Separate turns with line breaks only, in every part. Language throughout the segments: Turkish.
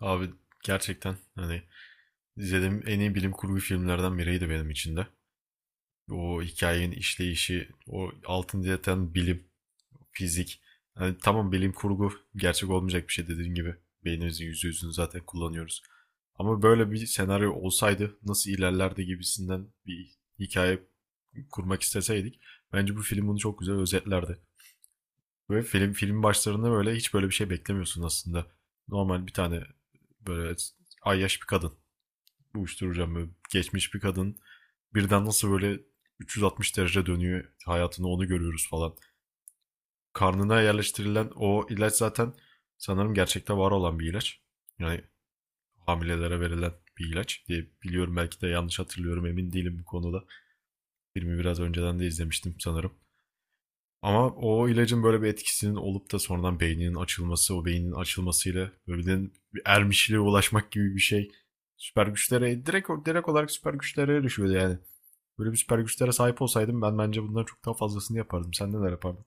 Abi gerçekten hani izlediğim en iyi bilim kurgu filmlerden biriydi benim için de. O hikayenin işleyişi, o altın yatan bilim, fizik. Hani tamam, bilim kurgu gerçek olmayacak bir şey, dediğin gibi. Beynimizin yüzde yüzünü zaten kullanıyoruz. Ama böyle bir senaryo olsaydı nasıl ilerlerdi gibisinden bir hikaye kurmak isteseydik, bence bu film bunu çok güzel özetlerdi. Böyle film başlarında böyle hiç böyle bir şey beklemiyorsun aslında. Normal bir tane böyle ayyaş bir kadın uyuşturacağım. Böyle geçmiş bir kadın birden nasıl böyle 360 derece dönüyor hayatını, onu görüyoruz falan. Karnına yerleştirilen o ilaç zaten sanırım gerçekte var olan bir ilaç. Yani hamilelere verilen bir ilaç diye biliyorum, belki de yanlış hatırlıyorum, emin değilim bu konuda. Filmi biraz önceden de izlemiştim sanırım. Ama o ilacın böyle bir etkisinin olup da sonradan beyninin açılması, o beynin açılmasıyla böyle bir ermişliğe ulaşmak gibi bir şey. Süper güçlere direkt olarak süper güçlere erişiyordu yani. Böyle bir süper güçlere sahip olsaydım ben, bence bundan çok daha fazlasını yapardım. Sen neler yapardın?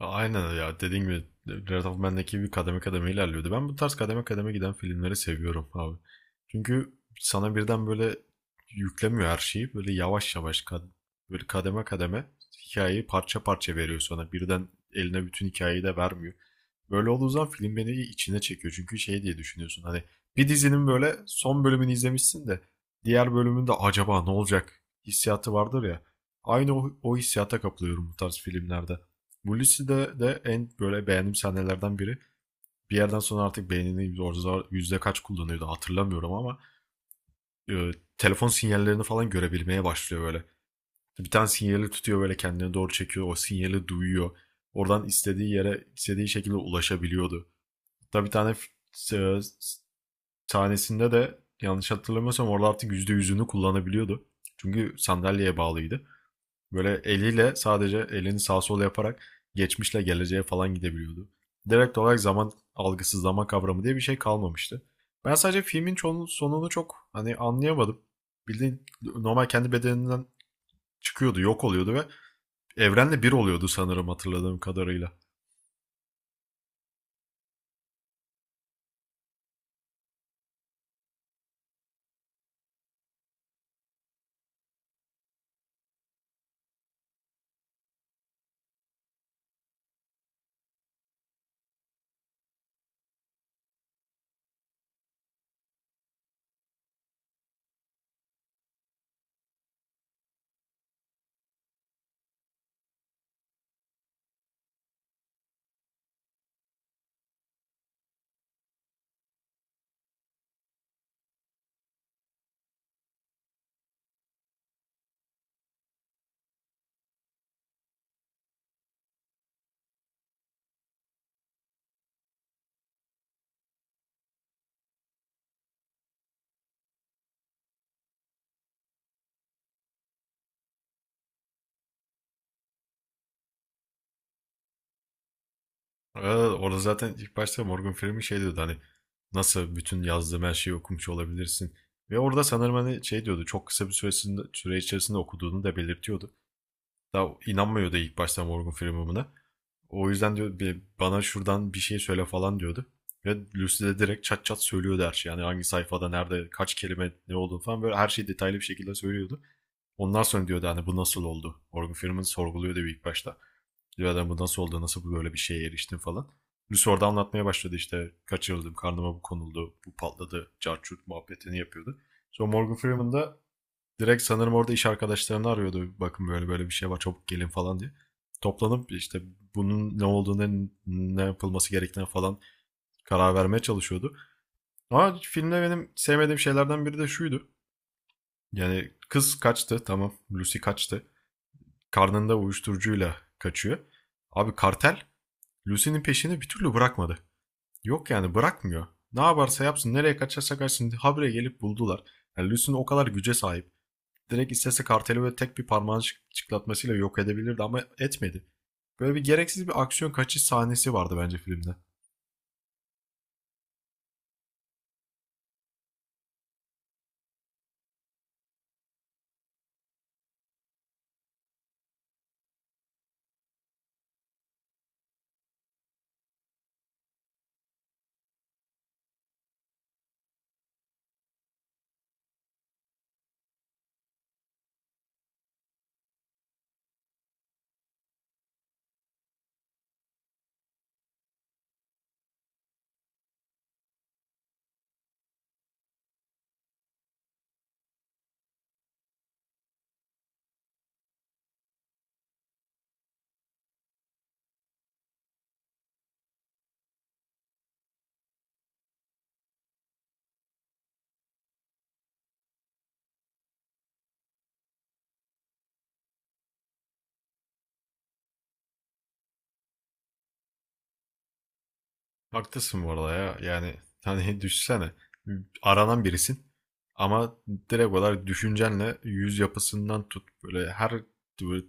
Aynen ya, dediğim gibi Breath of Man ekibi kademe kademe ilerliyordu. Ben bu tarz kademe kademe giden filmleri seviyorum abi. Çünkü sana birden böyle yüklemiyor her şeyi. Böyle yavaş yavaş böyle kademe kademe hikayeyi parça parça veriyor sana. Birden eline bütün hikayeyi de vermiyor. Böyle olduğu zaman film beni içine çekiyor. Çünkü şey diye düşünüyorsun, hani bir dizinin böyle son bölümünü izlemişsin de diğer bölümünde acaba ne olacak hissiyatı vardır ya. Aynı o hissiyata kapılıyorum bu tarz filmlerde. Mulisi'de de en böyle beğendiğim sahnelerden biri. Bir yerden sonra artık beynini orada yüzde kaç kullanıyordu hatırlamıyorum ama e, telefon sinyallerini falan görebilmeye başlıyor böyle. Bir tane sinyali tutuyor, böyle kendine doğru çekiyor. O sinyali duyuyor. Oradan istediği yere istediği şekilde ulaşabiliyordu. Hatta bir tane e, tanesinde de, yanlış hatırlamıyorsam, orada artık yüzde yüzünü kullanabiliyordu. Çünkü sandalyeye bağlıydı. Böyle eliyle sadece elini sağ sol yaparak geçmişle geleceğe falan gidebiliyordu. Direkt olarak zaman algısı, zaman kavramı diye bir şey kalmamıştı. Ben sadece filmin çoğunun sonunu çok hani anlayamadım. Bildiğin normal kendi bedeninden çıkıyordu, yok oluyordu ve evrenle bir oluyordu sanırım, hatırladığım kadarıyla. Aa, orada zaten ilk başta Morgan Freeman şey diyordu, hani nasıl bütün yazdığım her şeyi okumuş olabilirsin. Ve orada sanırım hani şey diyordu, çok kısa bir süre içerisinde okuduğunu da belirtiyordu. Daha inanmıyordu ilk başta Morgan Freeman buna. O yüzden diyor, bir bana şuradan bir şey söyle falan diyordu. Ve Lucy de direkt çat çat söylüyordu her şeyi. Yani hangi sayfada, nerede, kaç kelime, ne olduğunu falan, böyle her şeyi detaylı bir şekilde söylüyordu. Ondan sonra diyordu hani, bu nasıl oldu? Morgan Freeman sorguluyordu ilk başta. Diyor adam, bu nasıl oldu, nasıl bu böyle bir şeye eriştin falan. Lucy orada anlatmaya başladı, işte kaçırıldım, karnıma bu konuldu, bu patladı, carçurt muhabbetini yapıyordu. Sonra Morgan Freeman da direkt sanırım orada iş arkadaşlarını arıyordu. Bakın böyle böyle bir şey var, çabuk gelin falan diye. Toplanıp işte bunun ne olduğunu, ne yapılması gerektiğine falan karar vermeye çalışıyordu. Ama filmde benim sevmediğim şeylerden biri de şuydu. Yani kız kaçtı, tamam, Lucy kaçtı. Karnında uyuşturucuyla kaçıyor. Abi kartel Lucy'nin peşini bir türlü bırakmadı. Yok yani, bırakmıyor. Ne yaparsa yapsın, nereye kaçarsa kaçsın habire gelip buldular. Yani Lucy'nin o kadar güce sahip. Direkt istese karteli böyle tek bir parmağın çıklatmasıyla yok edebilirdi ama etmedi. Böyle bir gereksiz bir aksiyon kaçış sahnesi vardı bence filmde. Haklısın bu arada ya. Yani hani düşsene, aranan birisin ama direkt olarak düşüncenle yüz yapısından tut, böyle her böyle,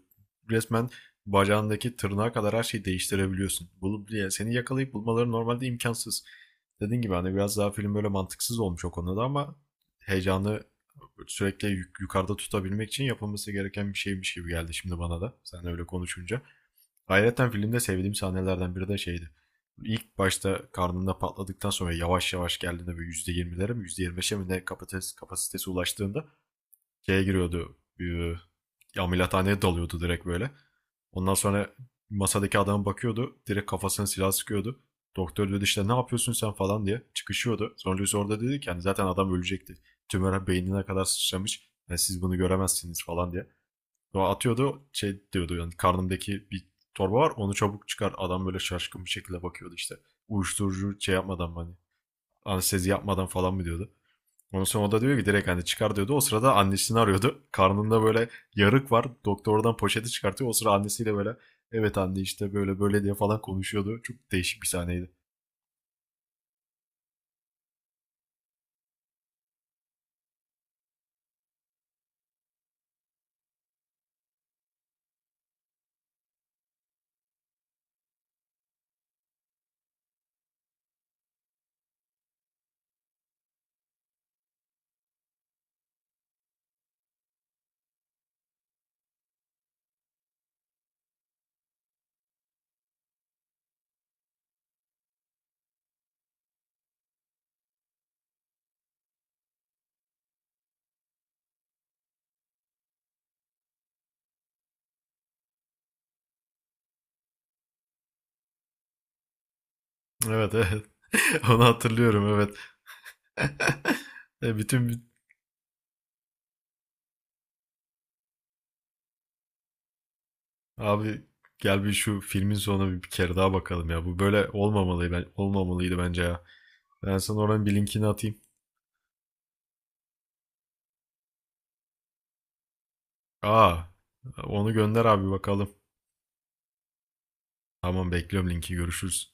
resmen bacağındaki tırnağa kadar her şeyi değiştirebiliyorsun. Bulup, yani seni yakalayıp bulmaları normalde imkansız. Dediğin gibi hani biraz daha film böyle mantıksız olmuş o konuda, ama heyecanı sürekli yukarıda tutabilmek için yapılması gereken bir şeymiş gibi geldi şimdi bana da. Sen öyle konuşunca. Hayretten filmde sevdiğim sahnelerden biri de şeydi. İlk başta karnında patladıktan sonra yavaş yavaş geldiğinde böyle %20'lere mi %25'e mi ne kapasitesi ulaştığında şeye giriyordu. Ameliyathaneye dalıyordu direkt böyle. Ondan sonra masadaki adama bakıyordu. Direkt kafasına silah sıkıyordu. Doktor dedi, işte ne yapıyorsun sen falan diye çıkışıyordu. Sonra Lucy orada dedi ki yani zaten adam ölecekti. Tümör beynine kadar sıçramış. Yani siz bunu göremezsiniz falan diye. Sonra atıyordu şey diyordu, yani karnımdaki bir torba var, onu çabuk çıkar. Adam böyle şaşkın bir şekilde bakıyordu işte. Uyuşturucu şey yapmadan mı, hani anestezi yapmadan falan mı diyordu. Ondan sonra o da diyor ki direkt, hani çıkar diyordu. O sırada annesini arıyordu. Karnında böyle yarık var. Doktor oradan poşeti çıkartıyor. O sıra annesiyle böyle evet anne işte böyle böyle diye falan konuşuyordu. Çok değişik bir sahneydi. Evet, evet. Onu hatırlıyorum, evet. Bütün abi, gel bir şu filmin sonuna bir kere daha bakalım ya. Bu böyle olmamalı, ben olmamalıydı bence ya. Ben sana oranın bir linkini atayım. Aa, onu gönder abi bakalım. Tamam, bekliyorum linki, görüşürüz.